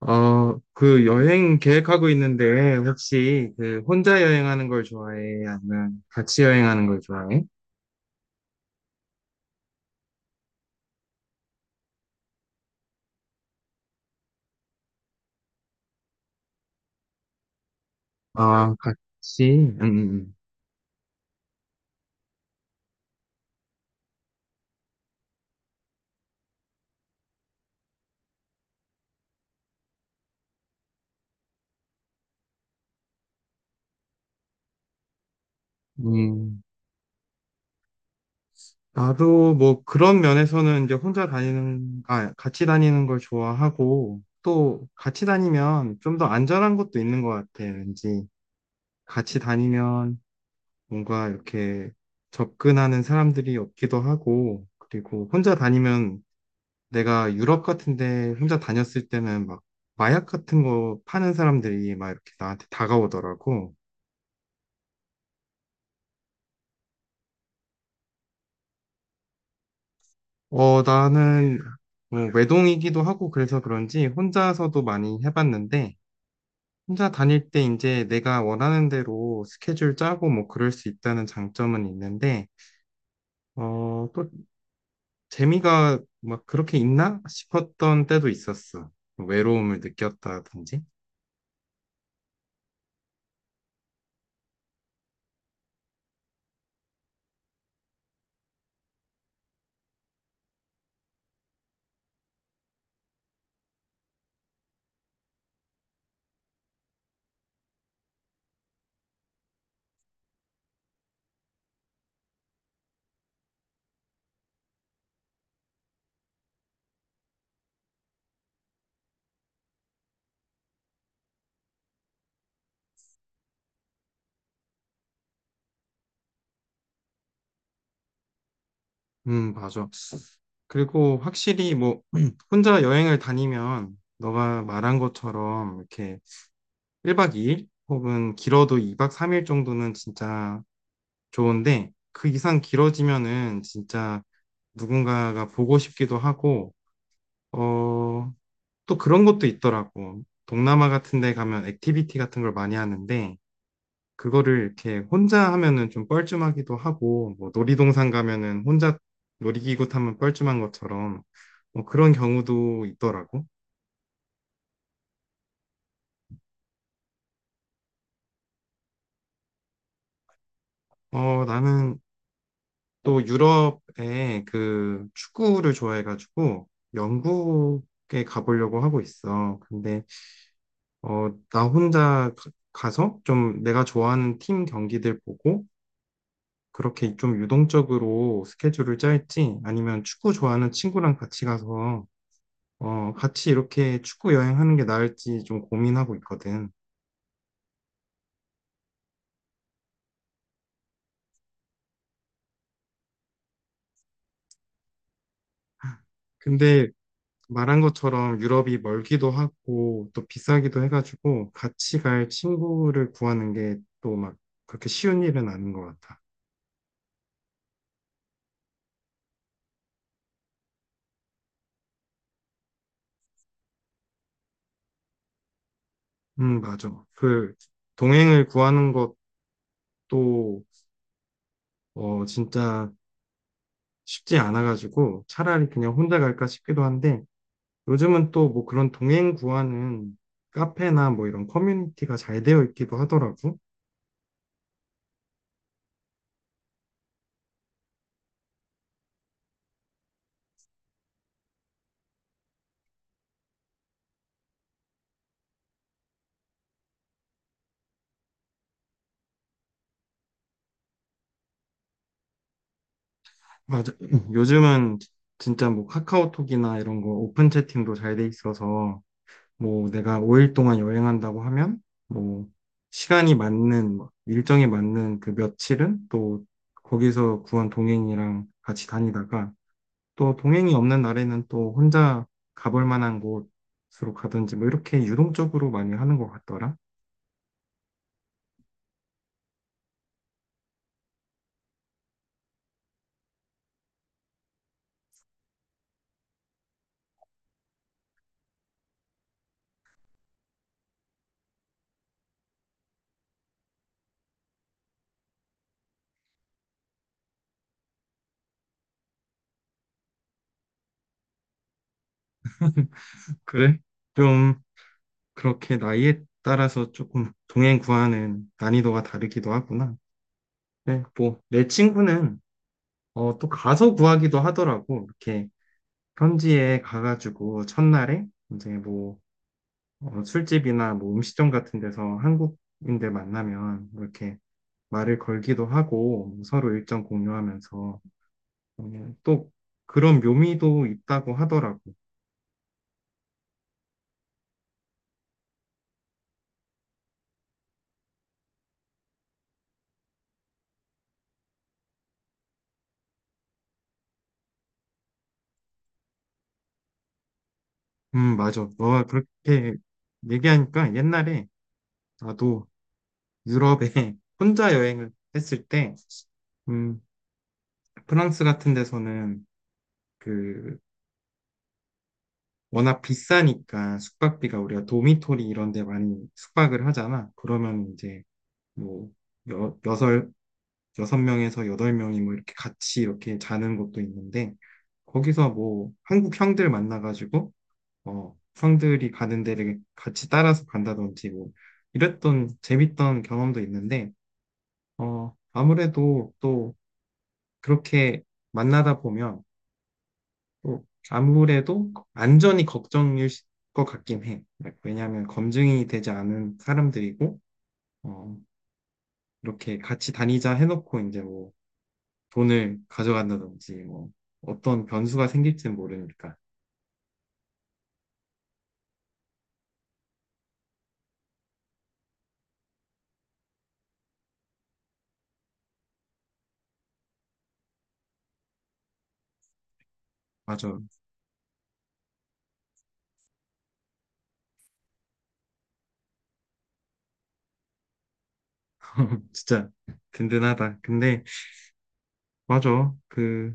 그 여행 계획하고 있는데 혹시 그 혼자 여행하는 걸 좋아해? 아니면 같이 여행하는 걸 좋아해? 아, 같이? 음. 나도 뭐 그런 면에서는 이제 같이 다니는 걸 좋아하고 또 같이 다니면 좀 더 안전한 것도 있는 것 같아. 왠지 같이 다니면 뭔가 이렇게 접근하는 사람들이 없기도 하고, 그리고 혼자 다니면 내가 유럽 같은데 혼자 다녔을 때는 막 마약 같은 거 파는 사람들이 막 이렇게 나한테 다가오더라고. 나는 뭐 외동이기도 하고 그래서 그런지 혼자서도 많이 해봤는데, 혼자 다닐 때 이제 내가 원하는 대로 스케줄 짜고 뭐 그럴 수 있다는 장점은 있는데 어, 또 재미가 막 그렇게 있나 싶었던 때도 있었어. 외로움을 느꼈다든지. 맞아. 그리고 확실히 뭐 혼자 여행을 다니면 너가 말한 것처럼 이렇게 1박 2일 혹은 길어도 2박 3일 정도는 진짜 좋은데, 그 이상 길어지면은 진짜 누군가가 보고 싶기도 하고, 어, 또 그런 것도 있더라고. 동남아 같은 데 가면 액티비티 같은 걸 많이 하는데 그거를 이렇게 혼자 하면은 좀 뻘쭘하기도 하고, 뭐 놀이동산 가면은 혼자 놀이기구 타면 뻘쭘한 것처럼, 뭐 그런 경우도 있더라고. 나는 또 유럽에 그 축구를 좋아해가지고, 영국에 가보려고 하고 있어. 근데, 어, 나 혼자 가서 좀 내가 좋아하는 팀 경기들 보고, 그렇게 좀 유동적으로 스케줄을 짤지, 아니면 축구 좋아하는 친구랑 같이 가서 어, 같이 이렇게 축구 여행하는 게 나을지 좀 고민하고 있거든. 근데 말한 것처럼 유럽이 멀기도 하고 또 비싸기도 해가지고 같이 갈 친구를 구하는 게 또 막 그렇게 쉬운 일은 아닌 것 같아. 맞아. 그 동행을 구하는 것도 어, 진짜 쉽지 않아가지고 차라리 그냥 혼자 갈까 싶기도 한데, 요즘은 또 뭐 그런 동행 구하는 카페나 뭐 이런 커뮤니티가 잘 되어 있기도 하더라고. 맞아. 요즘은 진짜 뭐 카카오톡이나 이런 거 오픈 채팅도 잘 돼 있어서 뭐 내가 5일 동안 여행한다고 하면 뭐 시간이 맞는 뭐 일정에 맞는 그 며칠은 또 거기서 구한 동행이랑 같이 다니다가, 또 동행이 없는 날에는 또 혼자 가볼 만한 곳으로 가든지 뭐 이렇게 유동적으로 많이 하는 것 같더라. 그래? 좀 그렇게 나이에 따라서 조금 동행 구하는 난이도가 다르기도 하구나. 네, 뭐, 내 친구는, 어, 또 가서 구하기도 하더라고. 이렇게, 현지에 가가지고, 첫날에, 이제 뭐, 어, 술집이나 뭐 음식점 같은 데서 한국인들 만나면, 뭐 이렇게 말을 걸기도 하고, 뭐 서로 일정 공유하면서, 어, 또, 그런 묘미도 있다고 하더라고. 맞아. 너가 그렇게 얘기하니까 옛날에 나도 유럽에 혼자 여행을 했을 때, 음, 프랑스 같은 데서는 그 워낙 비싸니까 숙박비가, 우리가 도미토리 이런 데 많이 숙박을 하잖아. 그러면 이제 뭐 여, 여섯, 여섯 명에서 여덟 명이 뭐 이렇게 같이 이렇게 자는 것도 있는데, 거기서 뭐 한국 형들 만나가지고 어, 형들이 가는 데를 같이 따라서 간다든지 뭐 이랬던 재밌던 경험도 있는데, 어, 아무래도 또 그렇게 만나다 보면 또 아무래도 안전이 걱정일 것 같긴 해. Like, 왜냐하면 검증이 되지 않은 사람들이고, 어, 이렇게 같이 다니자 해놓고 이제 뭐 돈을 가져간다든지 뭐 어떤 변수가 생길지는 모르니까. 맞아. 진짜 든든하다. 근데 맞아. 그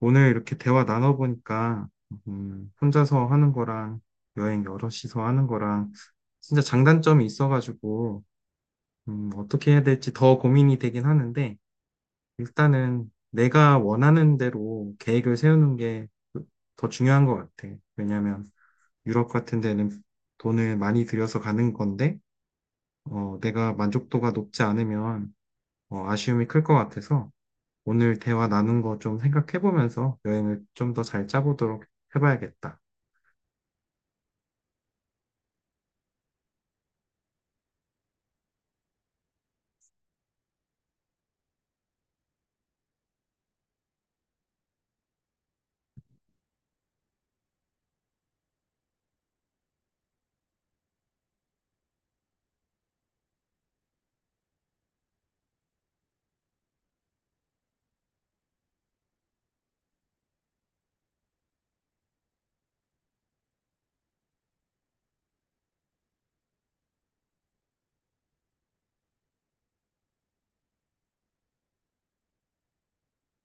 오늘 이렇게 대화 나눠보니까 혼자서 하는 거랑 여행 여럿이서 하는 거랑 진짜 장단점이 있어가지고 어떻게 해야 될지 더 고민이 되긴 하는데, 일단은 내가 원하는 대로 계획을 세우는 게 더 중요한 것 같아. 왜냐하면 유럽 같은 데는 돈을 많이 들여서 가는 건데, 어, 내가 만족도가 높지 않으면 어, 아쉬움이 클 것 같아서 오늘 대화 나눈 거 좀 생각해보면서 여행을 좀 더 잘 짜보도록 해봐야겠다.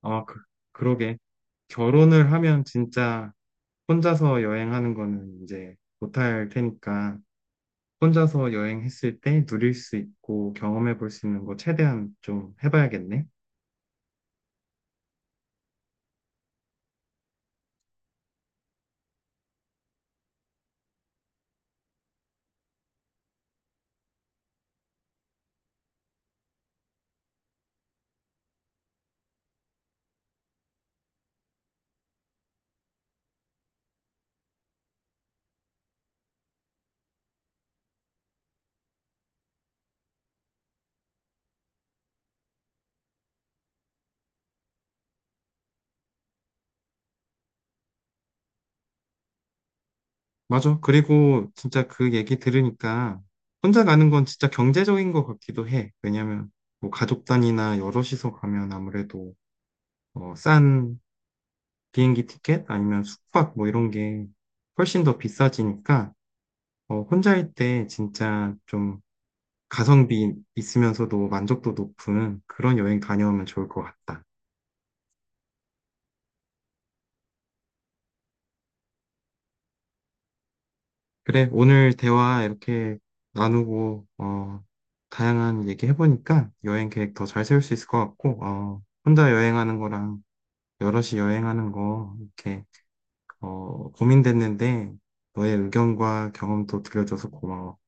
아, 그, 그러게. 결혼을 하면 진짜 혼자서 여행하는 거는 이제 못할 테니까 혼자서 여행했을 때 누릴 수 있고 경험해 볼 수 있는 거 최대한 좀 해봐야겠네. 맞아. 그리고 진짜 그 얘기 들으니까 혼자 가는 건 진짜 경제적인 것 같기도 해. 왜냐면 뭐 가족 단위나 여럿이서 가면 아무래도 어, 싼 비행기 티켓 아니면 숙박 뭐 이런 게 훨씬 더 비싸지니까 어, 혼자일 때 진짜 좀 가성비 있으면서도 만족도 높은 그런 여행 다녀오면 좋을 것 같다. 그래, 오늘 대화 이렇게 나누고, 어, 다양한 얘기 해보니까 여행 계획 더 잘 세울 수 있을 것 같고, 어, 혼자 여행하는 거랑 여럿이 여행하는 거, 이렇게, 어, 고민됐는데, 너의 의견과 경험도 들려줘서 고마워.